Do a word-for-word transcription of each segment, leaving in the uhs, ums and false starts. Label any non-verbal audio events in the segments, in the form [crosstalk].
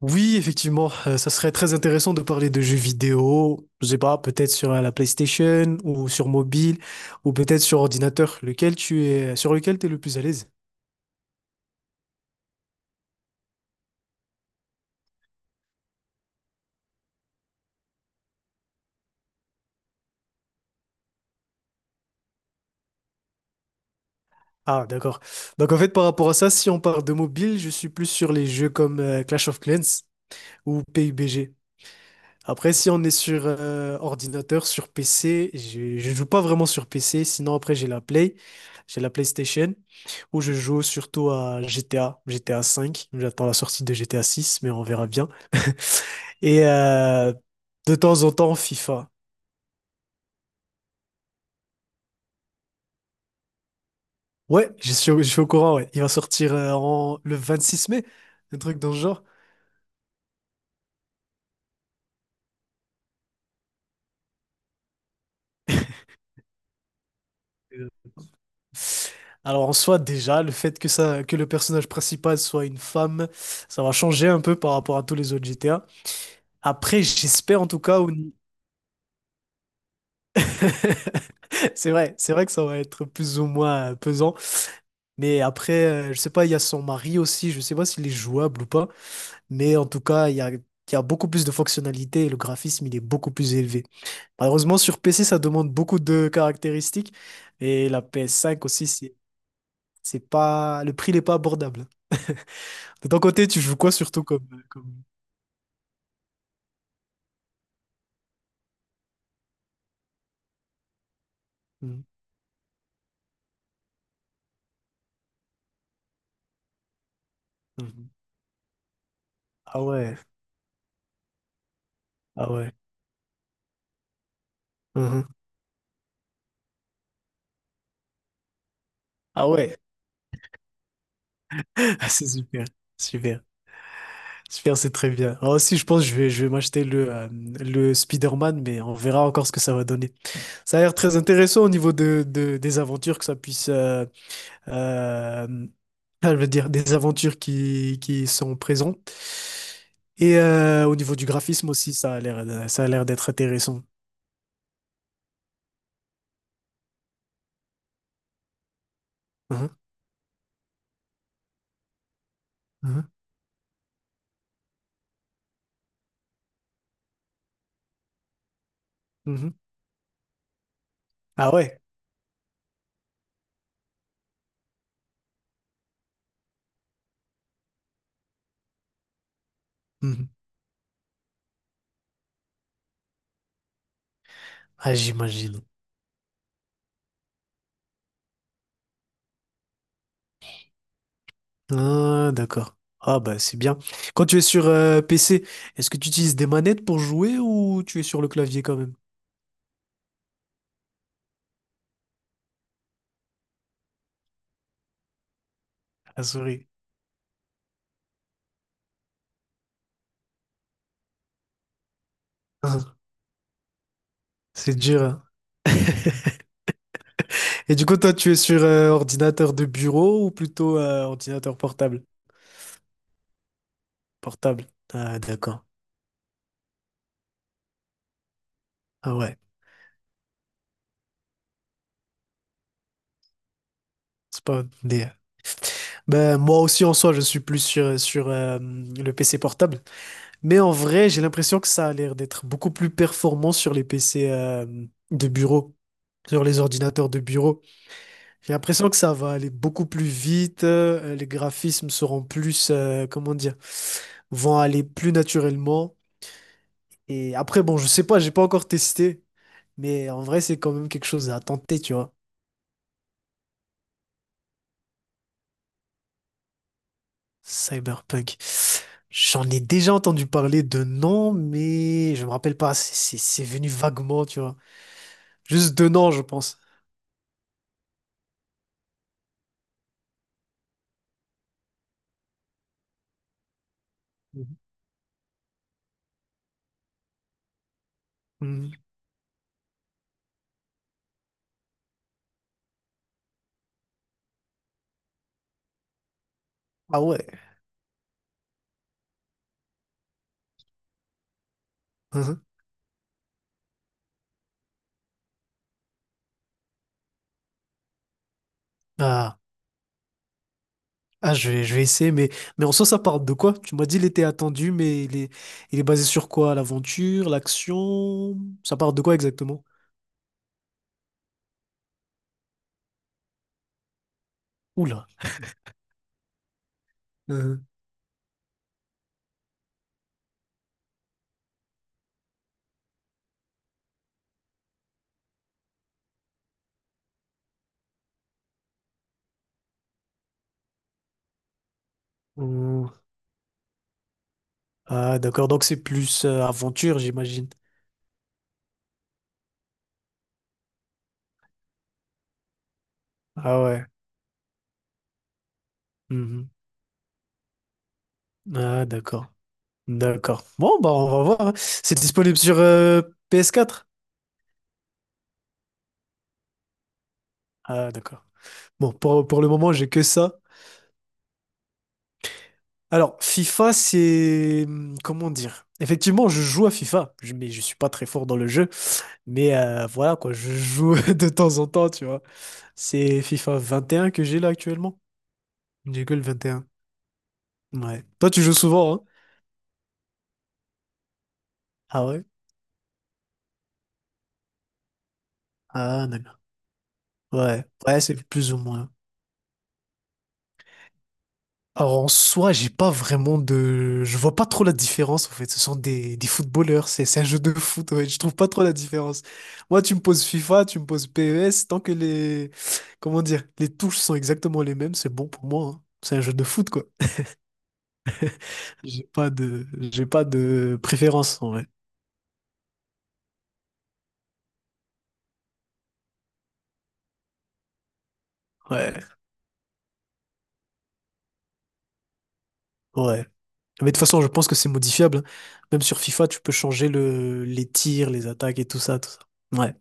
Oui, effectivement, euh, ça serait très intéressant de parler de jeux vidéo, je sais pas, peut-être sur euh, la PlayStation ou sur mobile ou peut-être sur ordinateur, lequel tu es, sur lequel tu es le plus à l'aise. Ah, d'accord. Donc en fait, par rapport à ça, si on parle de mobile, je suis plus sur les jeux comme euh, Clash of Clans ou P U B G. Après, si on est sur euh, ordinateur, sur P C, je, je joue pas vraiment sur P C. Sinon, après, j'ai la Play, j'ai la PlayStation, où je joue surtout à G T A, G T A cinq. J'attends la sortie de G T A six, mais on verra bien. Et euh, de temps en temps, FIFA. Ouais, je suis, au- je suis au courant, ouais. Il va sortir euh, en, le vingt-six mai, un truc dans ce genre. Euh, Alors, en soi, déjà le fait que ça que le personnage principal soit une femme, ça va changer un peu par rapport à tous les autres G T A. Après, j'espère, en tout cas, au, [laughs] C'est vrai, c'est vrai que ça va être plus ou moins euh, pesant. Mais après, euh, je sais pas, il y a son mari aussi, je sais pas s'il est jouable ou pas. Mais en tout cas, il y a, il y a beaucoup plus de fonctionnalités et le graphisme, il est beaucoup plus élevé. Malheureusement, sur P C, ça demande beaucoup de caractéristiques. Et la P S cinq aussi, c'est, c'est pas, le prix n'est pas abordable. De ton côté, tu joues quoi surtout comme, euh, comme... Mhm, mhm. Ah ouais, ah ouais. Mhm. Ah ouais, [laughs] c'est super, super. Super, c'est très bien. Moi aussi, je pense que je vais, je vais m'acheter le, euh, le Spider-Man, mais on verra encore ce que ça va donner. Ça a l'air très intéressant au niveau de, de- des aventures que ça puisse... euh, euh, ah, je veux dire, des aventures qui, qui sont présentes. Et euh, au niveau du graphisme aussi, ça a l'air, ça a l'air d'être intéressant. Mhm, mhm, mhm. Ah ouais? Mhm. Ah, j'imagine. Ah, d'accord. Ah, bah, c'est bien. Quand tu es sur euh, P C, est-ce que tu utilises des manettes pour jouer ou tu es sur le clavier quand même? Ah, souris. Ah, c'est dur, hein. Et du coup, toi, tu es sur euh, ordinateur de bureau ou plutôt euh, ordinateur portable? Portable. Ah, d'accord. Ah ouais. C'est pas des... Ben, moi aussi, en soi, je suis plus sur, euh, sur euh, le P C portable. Mais en vrai, j'ai l'impression que ça a l'air d'être beaucoup plus performant sur les P C euh, de bureau, sur les ordinateurs de bureau. J'ai l'impression que ça va aller beaucoup plus vite, euh, les graphismes seront plus, euh, comment dire, vont aller plus naturellement. Et après, bon, je sais pas, j'ai pas encore testé, mais en vrai, c'est quand même quelque chose à tenter, tu vois. Cyberpunk. J'en ai déjà entendu parler de nom, mais je me rappelle pas, c'est c'est- c'est venu vaguement, tu vois. Juste de nom, je pense. Mhm. Mhm. Ah ouais. [laughs] Mhm. Ah, je vais, je vais essayer, mais, mais en soi, ça parle de quoi? Tu m'as dit, il était attendu, mais il est, il est basé sur quoi? L'aventure, l'action? Ça parle de quoi exactement? Oula. Euh, ouh. Ah, d'accord, donc c'est plus euh, aventure, j'imagine. Ah ouais. Mhm. Ah, d'accord. D'accord. Bon, bah, on va voir, hein. C'est disponible sur euh, P S quatre. Ah, d'accord. Bon, pour, pour le moment, j'ai que ça. Alors, FIFA, c'est... hum, comment dire? Effectivement, je joue à FIFA, je- mais je suis pas très fort dans le jeu. Mais euh, voilà, quoi, je joue [laughs] de temps en temps, tu vois. C'est FIFA vingt et un que j'ai là actuellement. J'ai que le vingt et un. Ouais. Toi, tu joues souvent, hein? Ah ouais? Ah, d'accord. Ouais. Ouais, c'est plus ou moins. Alors, en soi, j'ai pas vraiment de... Je vois pas trop la différence, en fait. Ce sont des, des footballeurs. C'est c'est un jeu de foot, ouais. Je trouve pas trop la différence. Moi, tu me poses FIFA, tu me poses P E S. Tant que les... Comment dire? Les touches sont exactement les mêmes, c'est bon pour moi, hein. C'est un jeu de foot, quoi. J'ai pas de, j'ai pas de préférence en vrai. Ouais, ouais. Mais de toute façon, je pense que c'est modifiable, hein. Même sur FIFA, tu peux changer le, les tirs, les attaques et tout ça, tout ça. Ouais,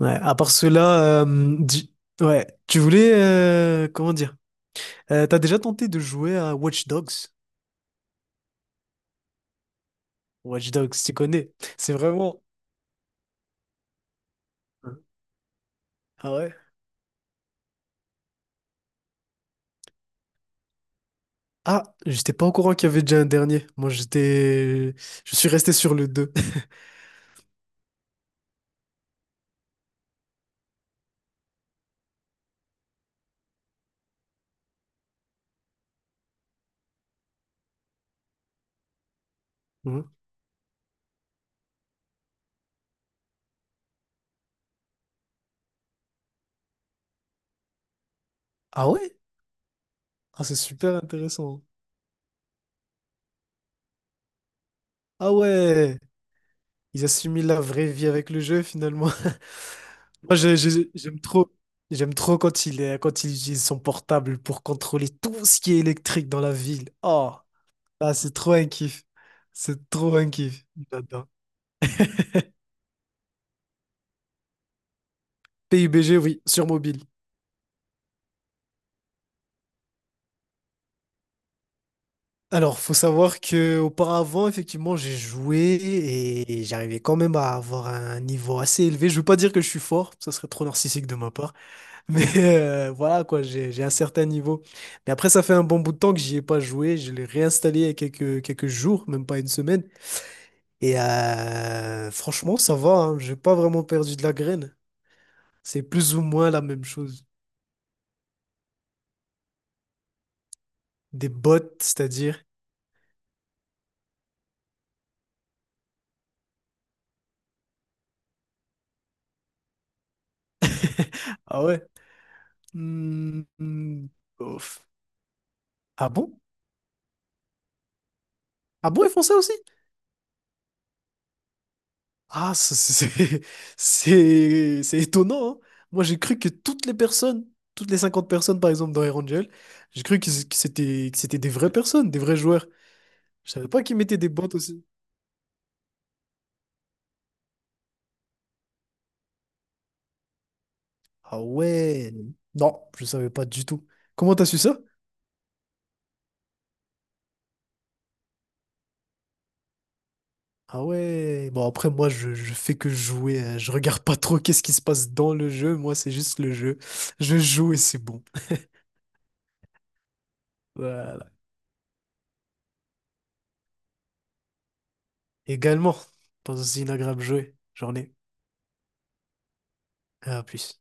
ouais. À part cela, euh, di- ouais. Tu voulais, euh, comment dire? Euh, t'as déjà tenté de jouer à Watch Dogs? Watch Dogs, tu connais. C'est vraiment. Ah ouais? Ah, j'étais pas au courant qu'il y avait déjà un dernier. Moi, j'étais, je suis resté sur le deux. [laughs] Mhm. Ah ouais? Ah, c'est super intéressant. Ah ouais! Ils assimilent la vraie vie avec le jeu finalement. [laughs] Moi, je- je- j'aime trop, j'aime trop quand il est, quand il utilise son portable pour contrôler tout ce qui est électrique dans la ville. Oh, ah, c'est trop un kiff. C'est trop un kiff. J'adore. P U B G, oui, sur mobile. Alors, faut savoir que auparavant, effectivement, j'ai joué et j'arrivais quand même à avoir un niveau assez élevé. Je veux pas dire que je suis fort, ça serait trop narcissique de ma part. [laughs] Mais euh, voilà, quoi, j'ai, j'ai un certain niveau. Mais après, ça fait un bon bout de temps que j'y ai pas joué. Je l'ai réinstallé il y a quelques, quelques jours, même pas une semaine. Et euh, franchement, ça va, hein. J'ai pas vraiment perdu de la graine. C'est plus ou moins la même chose. Des bots, c'est-à-dire. Ah ouais. Hmm, hmm, ouf. Ah bon? Ah bon, ils font ça aussi? Ah, ça, c'est [laughs] c'est c'est- étonnant, hein. Moi, j'ai cru que toutes les personnes, toutes les cinquante personnes, par exemple, dans Air Angel, j'ai cru que c- que c'était que c'était des vraies personnes, des vrais joueurs. Je savais pas qu'ils mettaient des bots aussi. Ah ouais. Non, je savais pas du tout. Comment t'as su ça? Ah ouais. Bon, après, moi, je, je fais que jouer, hein. Je regarde pas trop qu'est-ce qui se passe dans le jeu. Moi, c'est juste le jeu. Je joue et c'est bon. [laughs] Voilà. Également, pas aussi une agréable jouer. Journée. À plus.